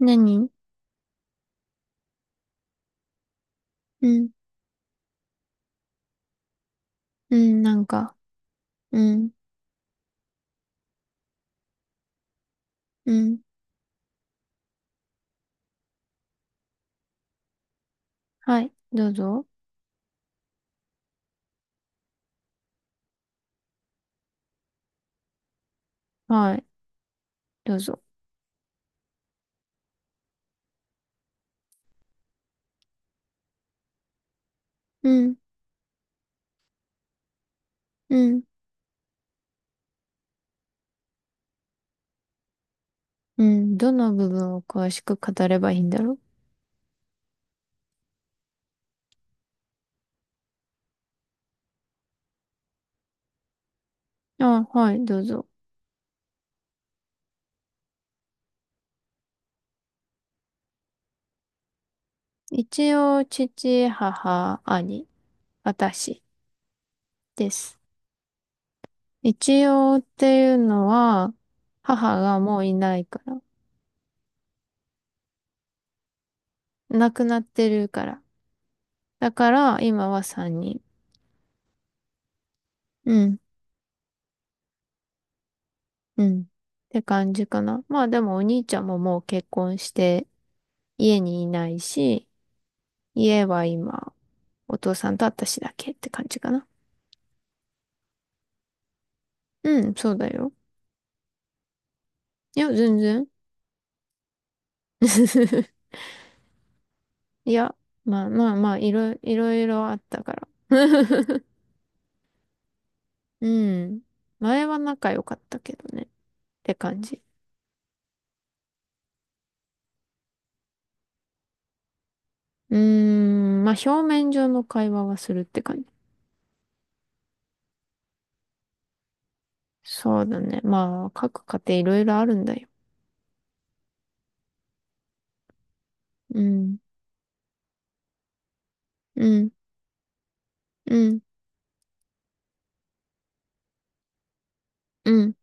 何？うん。うん、なんか、うん、うん。はい、どうぞ。はい、どうぞ。うん、うん、うん。どの部分を詳しく語ればいいんだろう。あ、はい、どうぞ。一応、父、母、兄、私です。一応っていうのは、母がもういないから。亡くなってるから。だから、今は三人。うん、うん。って感じかな。まあでもお兄ちゃんももう結婚して、家にいないし、家は今、お父さんと私だけって感じかな。うん、そうだよ。いや、全然。いや、まあまあまあ、いろいろあったから。うん。前は仲良かったけどね。って感じ。うーん、まあ表面上の会話はするって感じ。そうだね。まあ、各家庭いろいろあるんだよ。うん、うん、うん、うん。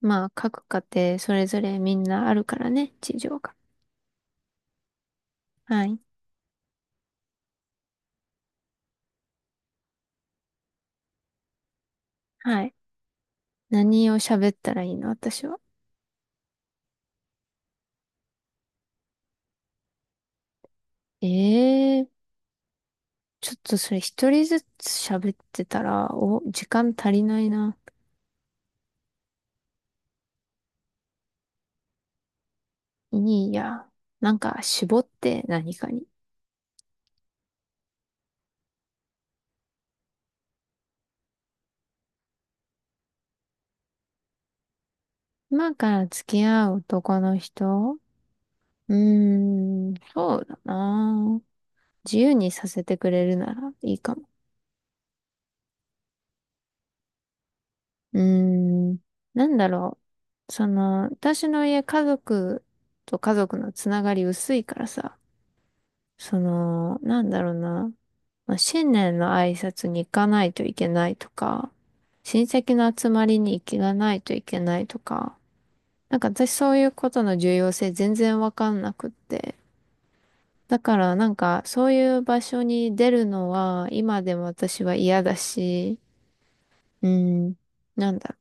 まあ、各家庭それぞれみんなあるからね、事情が。はい、はい。何を喋ったらいいの私は。ええー、ちょっとそれ一人ずつ喋ってたら、お、時間足りないな。いいや。なんか絞って何かに。今から付き合う男の人。うーん、そうだな。自由にさせてくれるならいいかも。うーん、なんだろう。その、私の家族と家族のつながり薄いからさ、その、なんだろうな。まあ、新年の挨拶に行かないといけないとか、親戚の集まりに行かないといけないとか、なんか私そういうことの重要性全然わかんなくって。だからなんかそういう場所に出るのは今でも私は嫌だし、うん、なんだろう。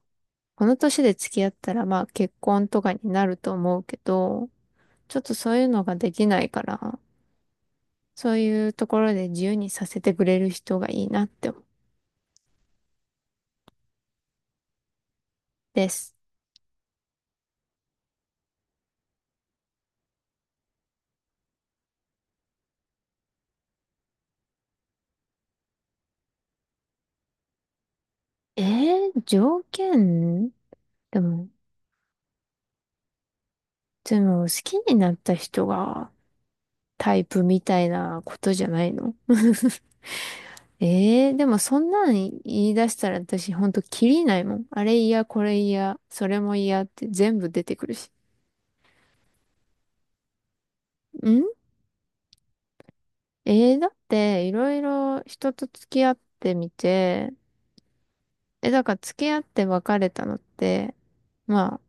この年で付き合ったらまあ結婚とかになると思うけど、ちょっとそういうのができないから、そういうところで自由にさせてくれる人がいいなって思うです。え条件？でも、でも好きになった人がタイプみたいなことじゃないの？でもそんなん言い出したら私ほんとキリないもん。あれ嫌、これ嫌、それも嫌って全部出てくるし。んだっていろいろ人と付き合ってみて、え、だから付き合って別れたのって、まあ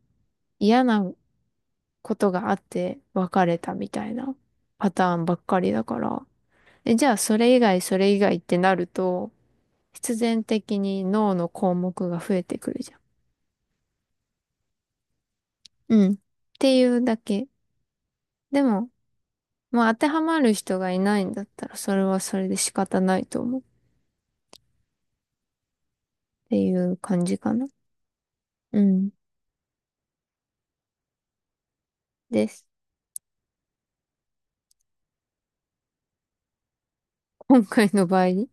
嫌なことがあって別れたみたいなパターンばっかりだから。え、じゃあ、それ以外ってなると、必然的に脳の項目が増えてくるじゃん。うん。っていうだけ。でも、まあ、当てはまる人がいないんだったら、それはそれで仕方ないと思う。っていう感じかな。うん。です。今回の場合、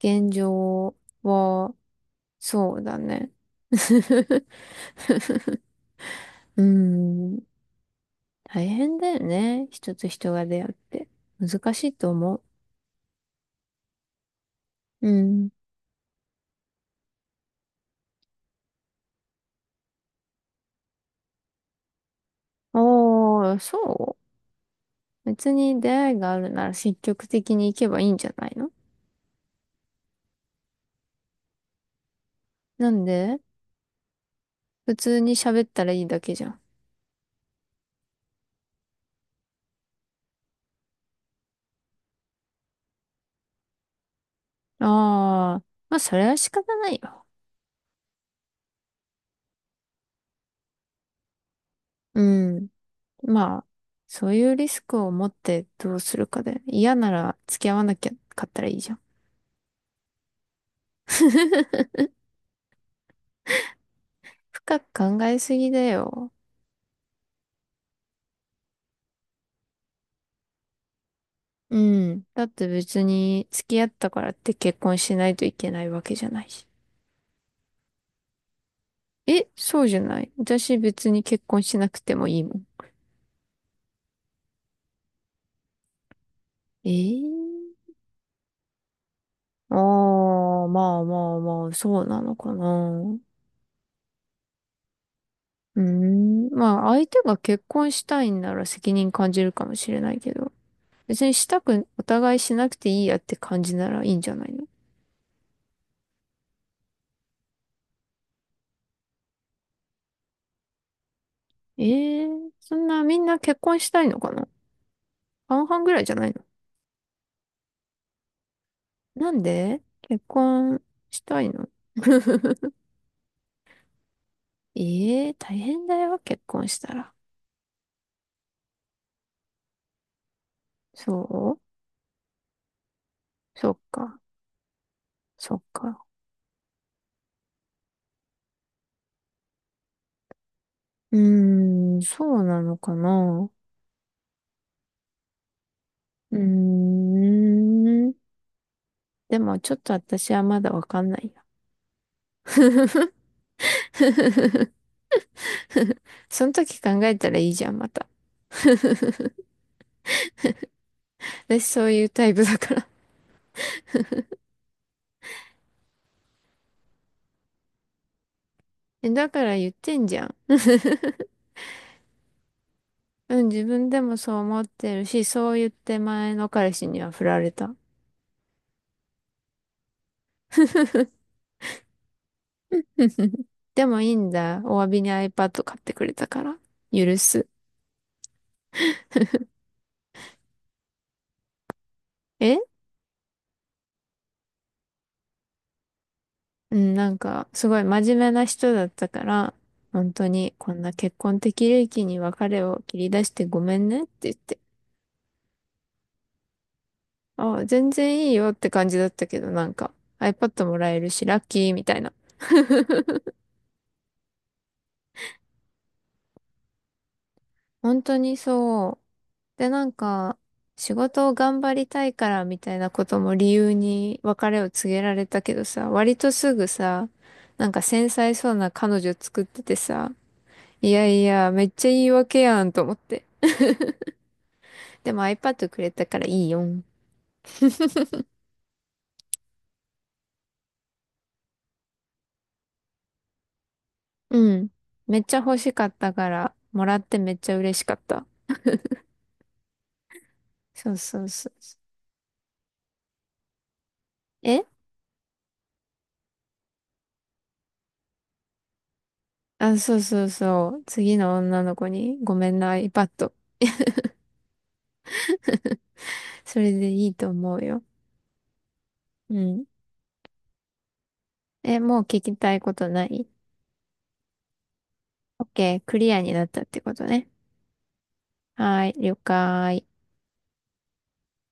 現状は、そうだね。うん。大変だよね。人と人が出会って。難しいと思う。うん。ああ、そう。別に出会いがあるなら積極的に行けばいいんじゃないの？なんで？普通に喋ったらいいだけじゃん。ああ、まあそれは仕方ないよ。うん。まあ、そういうリスクを持ってどうするかで、嫌なら付き合わなきゃかったらいいじゃん。深く考えすぎだよ。うん。だって別に付き合ったからって結婚しないといけないわけじゃないし。え、そうじゃない。私別に結婚しなくてもいいもん。ええ。ああ、まあまあまあ、そうなのかな。うーん。まあ、相手が結婚したいんなら責任感じるかもしれないけど、別にしたく、お互いしなくていいやって感じならいいんじゃないの？ええー、そんなみんな結婚したいのかな？半々ぐらいじゃないの？なんで結婚したいの？ええー、大変だよ、結婚したら。そう。そっか、そっか。うーん、そうなのかな。うーん。でもちょっと私はまだわかんないな。その時考えたらいいじゃん、また。私そういうタイプだから。 え、だから言ってんじゃん。うん、自分でもそう思ってるし、そう言って前の彼氏には振られた。でもいいんだ。お詫びに iPad 買ってくれたから。許す。え。うん、なんか、すごい真面目な人だったから、本当に、こんな結婚的利益に別れを切り出してごめんねって言って。あ、全然いいよって感じだったけど、なんか iPad もらえるし、ラッキーみたいな。本当にそう。で、なんか、仕事を頑張りたいからみたいなことも理由に別れを告げられたけどさ、割とすぐさ、なんか繊細そうな彼女作っててさ、いやいや、めっちゃ言い訳やんと思って。でも iPad くれたからいいよん。うん。めっちゃ欲しかったから、もらってめっちゃ嬉しかった。そうそうそうそう。えあ、そうそうそう。次の女の子に、ごめんな、iPad。それでいいと思うよ。うん。え、もう聞きたいことない？ OK、クリアになったってことね。はーい、了解。